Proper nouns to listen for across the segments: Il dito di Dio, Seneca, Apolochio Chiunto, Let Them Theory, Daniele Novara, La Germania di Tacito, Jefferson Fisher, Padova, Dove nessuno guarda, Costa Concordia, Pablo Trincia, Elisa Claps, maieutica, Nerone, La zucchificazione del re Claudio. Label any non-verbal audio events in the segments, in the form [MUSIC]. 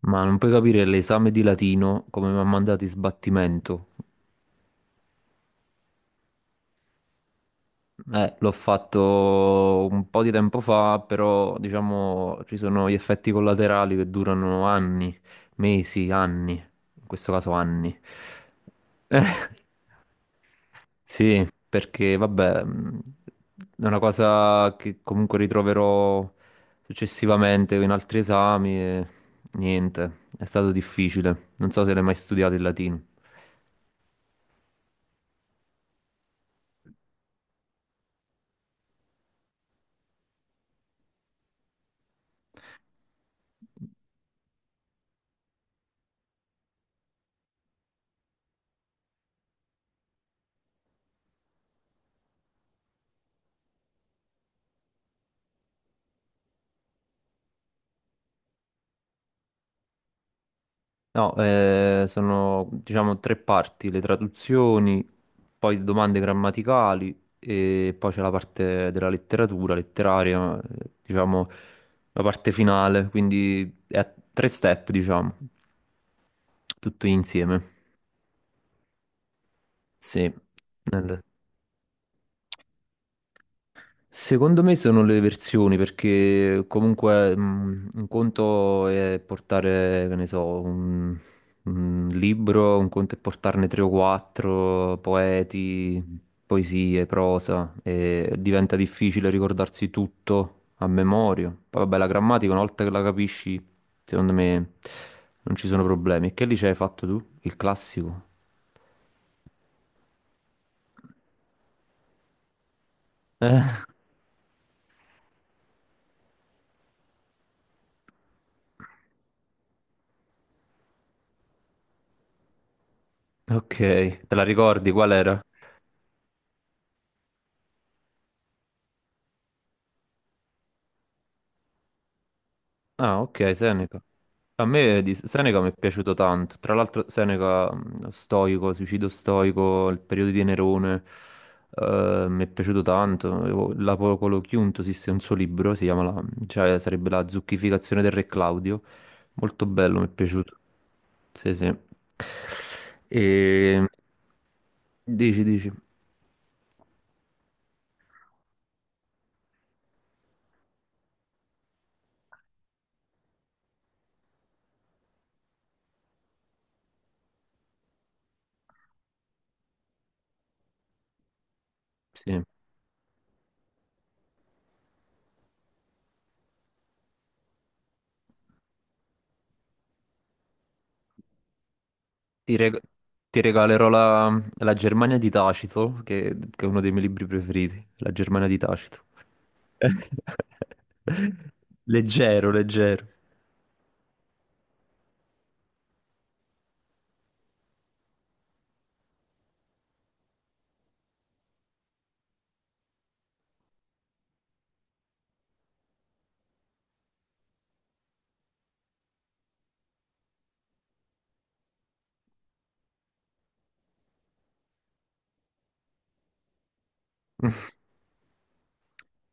Ma non puoi capire l'esame di latino come mi ha mandato in sbattimento. L'ho fatto un po' di tempo fa, però diciamo ci sono gli effetti collaterali che durano anni, mesi, anni, in questo caso anni. Eh, Sì, perché vabbè, è una cosa che comunque ritroverò successivamente in altri esami e niente, è stato difficile. Non so se l'hai mai studiato il latino. No, sono diciamo tre parti, le traduzioni, poi domande grammaticali e poi c'è la parte della letteratura, letteraria, diciamo la parte finale, quindi è a tre step, diciamo, tutto insieme. Sì. nel- Secondo me sono le versioni, perché comunque un conto è portare, che ne so, un libro, un conto è portarne tre o quattro, poeti, poesie, prosa, e diventa difficile ricordarsi tutto a memoria. Poi vabbè, la grammatica una volta che la capisci, secondo me non ci sono problemi. E che lì hai fatto tu? Il classico? Eh, ok, te la ricordi qual era? Ah, ok, Seneca. A me di Seneca mi è piaciuto tanto, tra l'altro Seneca, stoico, suicidio stoico, il periodo di Nerone, mi è piaciuto tanto. L'Apolochio Chiunto esiste un suo libro, si chiama cioè, sarebbe La zucchificazione del re Claudio, molto bello, mi è piaciuto. Sì, sì. E... Dici, dici, sì. Ti, reg- ti regalerò la Germania di Tacito, che è uno dei miei libri preferiti, La Germania di Tacito. [LAUGHS] Leggero, leggero.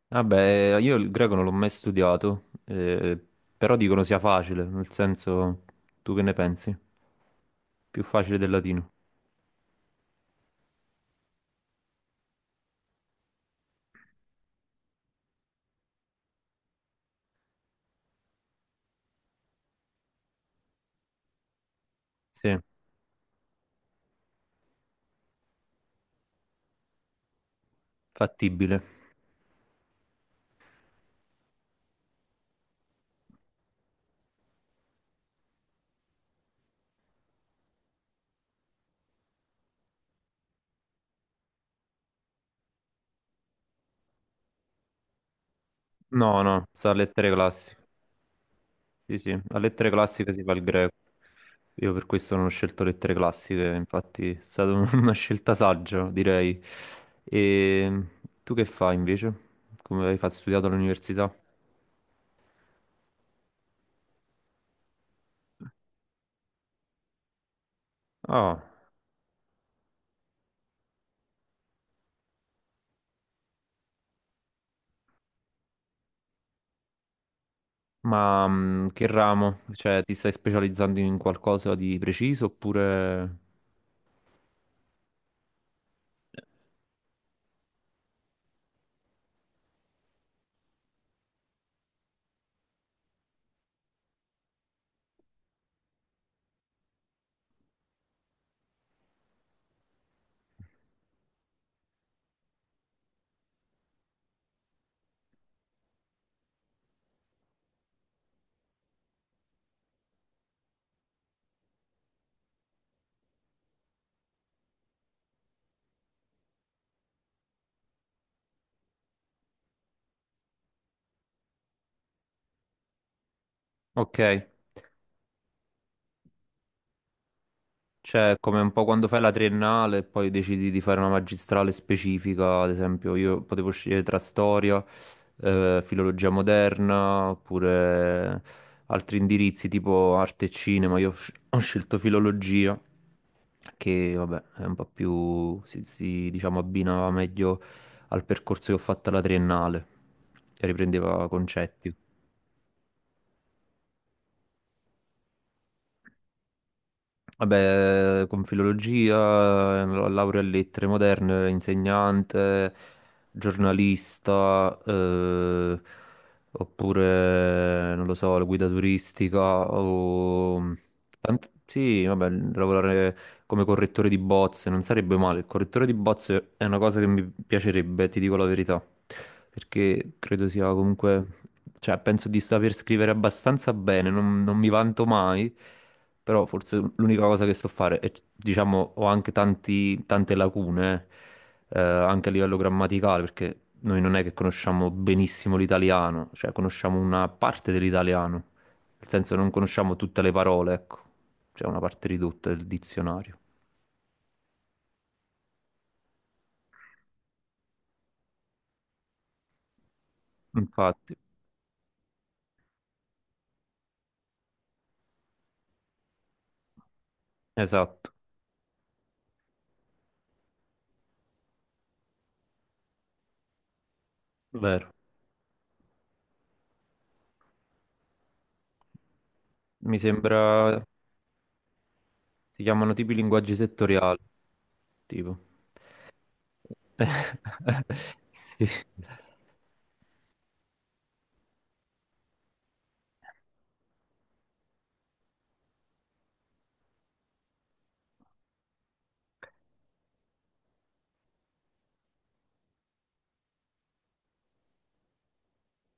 Vabbè, io il greco non l'ho mai studiato, però dicono sia facile, nel senso, tu che ne pensi? Più facile del latino. Sì, fattibile. No, no, sa lettere classiche. Sì, sì, a lettere classiche si fa il greco. Io per questo non ho scelto lettere classiche, infatti è stata un- [LAUGHS] una scelta saggia, direi. E tu che fai invece? Come hai fatto studiato all'università? Ah. Ma che ramo? Cioè, ti stai specializzando in qualcosa di preciso oppure... Ok. Cioè, è come un po' quando fai la triennale e poi decidi di fare una magistrale specifica, ad esempio io potevo scegliere tra storia, filologia moderna, oppure altri indirizzi tipo arte e cinema. Io ho scelto filologia, che vabbè è un po' più, si, diciamo, abbinava meglio al percorso che ho fatto alla triennale, e riprendeva concetti. Vabbè, con filologia, laurea in lettere moderne, insegnante, giornalista, oppure, non lo so, la guida turistica o... Sì, vabbè, lavorare come correttore di bozze non sarebbe male. Il correttore di bozze è una cosa che mi piacerebbe, ti dico la verità, perché credo sia comunque... Cioè, penso di saper scrivere abbastanza bene, non mi vanto mai. Però forse l'unica cosa che so fare è, diciamo, ho anche tante lacune, anche a livello grammaticale, perché noi non è che conosciamo benissimo l'italiano, cioè conosciamo una parte dell'italiano, nel senso non conosciamo tutte le parole, ecco, c'è una parte ridotta del dizionario. Infatti, esatto, vero. Mi sembra si chiamano tipi linguaggi settoriali, tipo. [LAUGHS] Sì.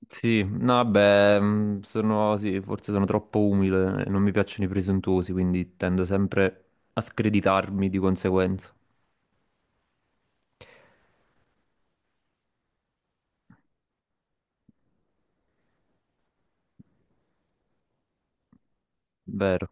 Sì, no, vabbè, sono, sì, forse sono troppo umile e non mi piacciono i presuntuosi, quindi tendo sempre a screditarmi di conseguenza. Vero.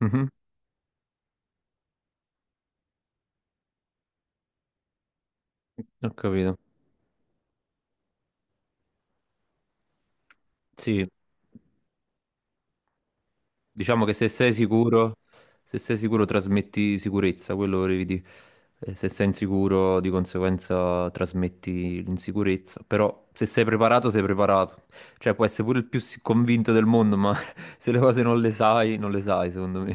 Mhm. Ho capito. Sì, diciamo che se sei sicuro trasmetti sicurezza, quello volevi dire. E se sei insicuro, di conseguenza trasmetti l'insicurezza. Però se sei preparato, sei preparato. Cioè, puoi essere pure il più convinto del mondo, ma [LAUGHS] se le cose non le sai, non le sai, secondo me.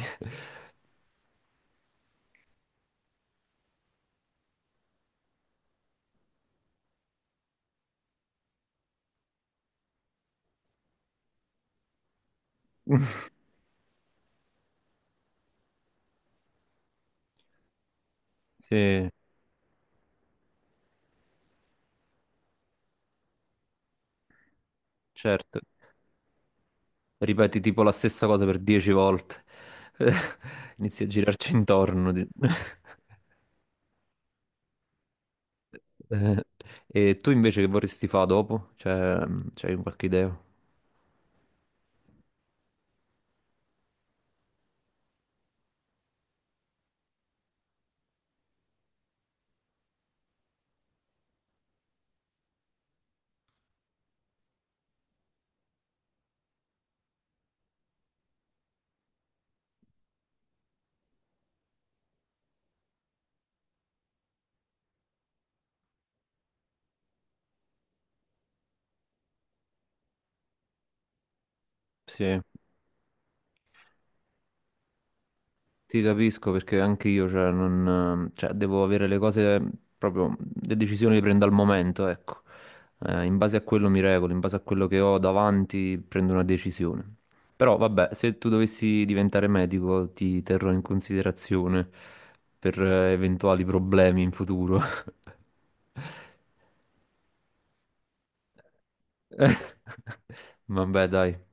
[LAUGHS] Sì, certo. Ripeti tipo la stessa cosa per 10 volte. [LAUGHS] Inizi a girarci intorno. [LAUGHS] Eh, e tu invece che vorresti fare dopo? Cioè, c'hai qualche idea? Sì. Ti capisco, perché anche io, cioè, non, cioè, devo avere le cose proprio, le decisioni le prendo al momento, ecco. In base a quello mi regolo, in base a quello che ho davanti prendo una decisione. Però vabbè, se tu dovessi diventare medico ti terrò in considerazione per eventuali problemi in futuro. [LAUGHS] Vabbè, dai.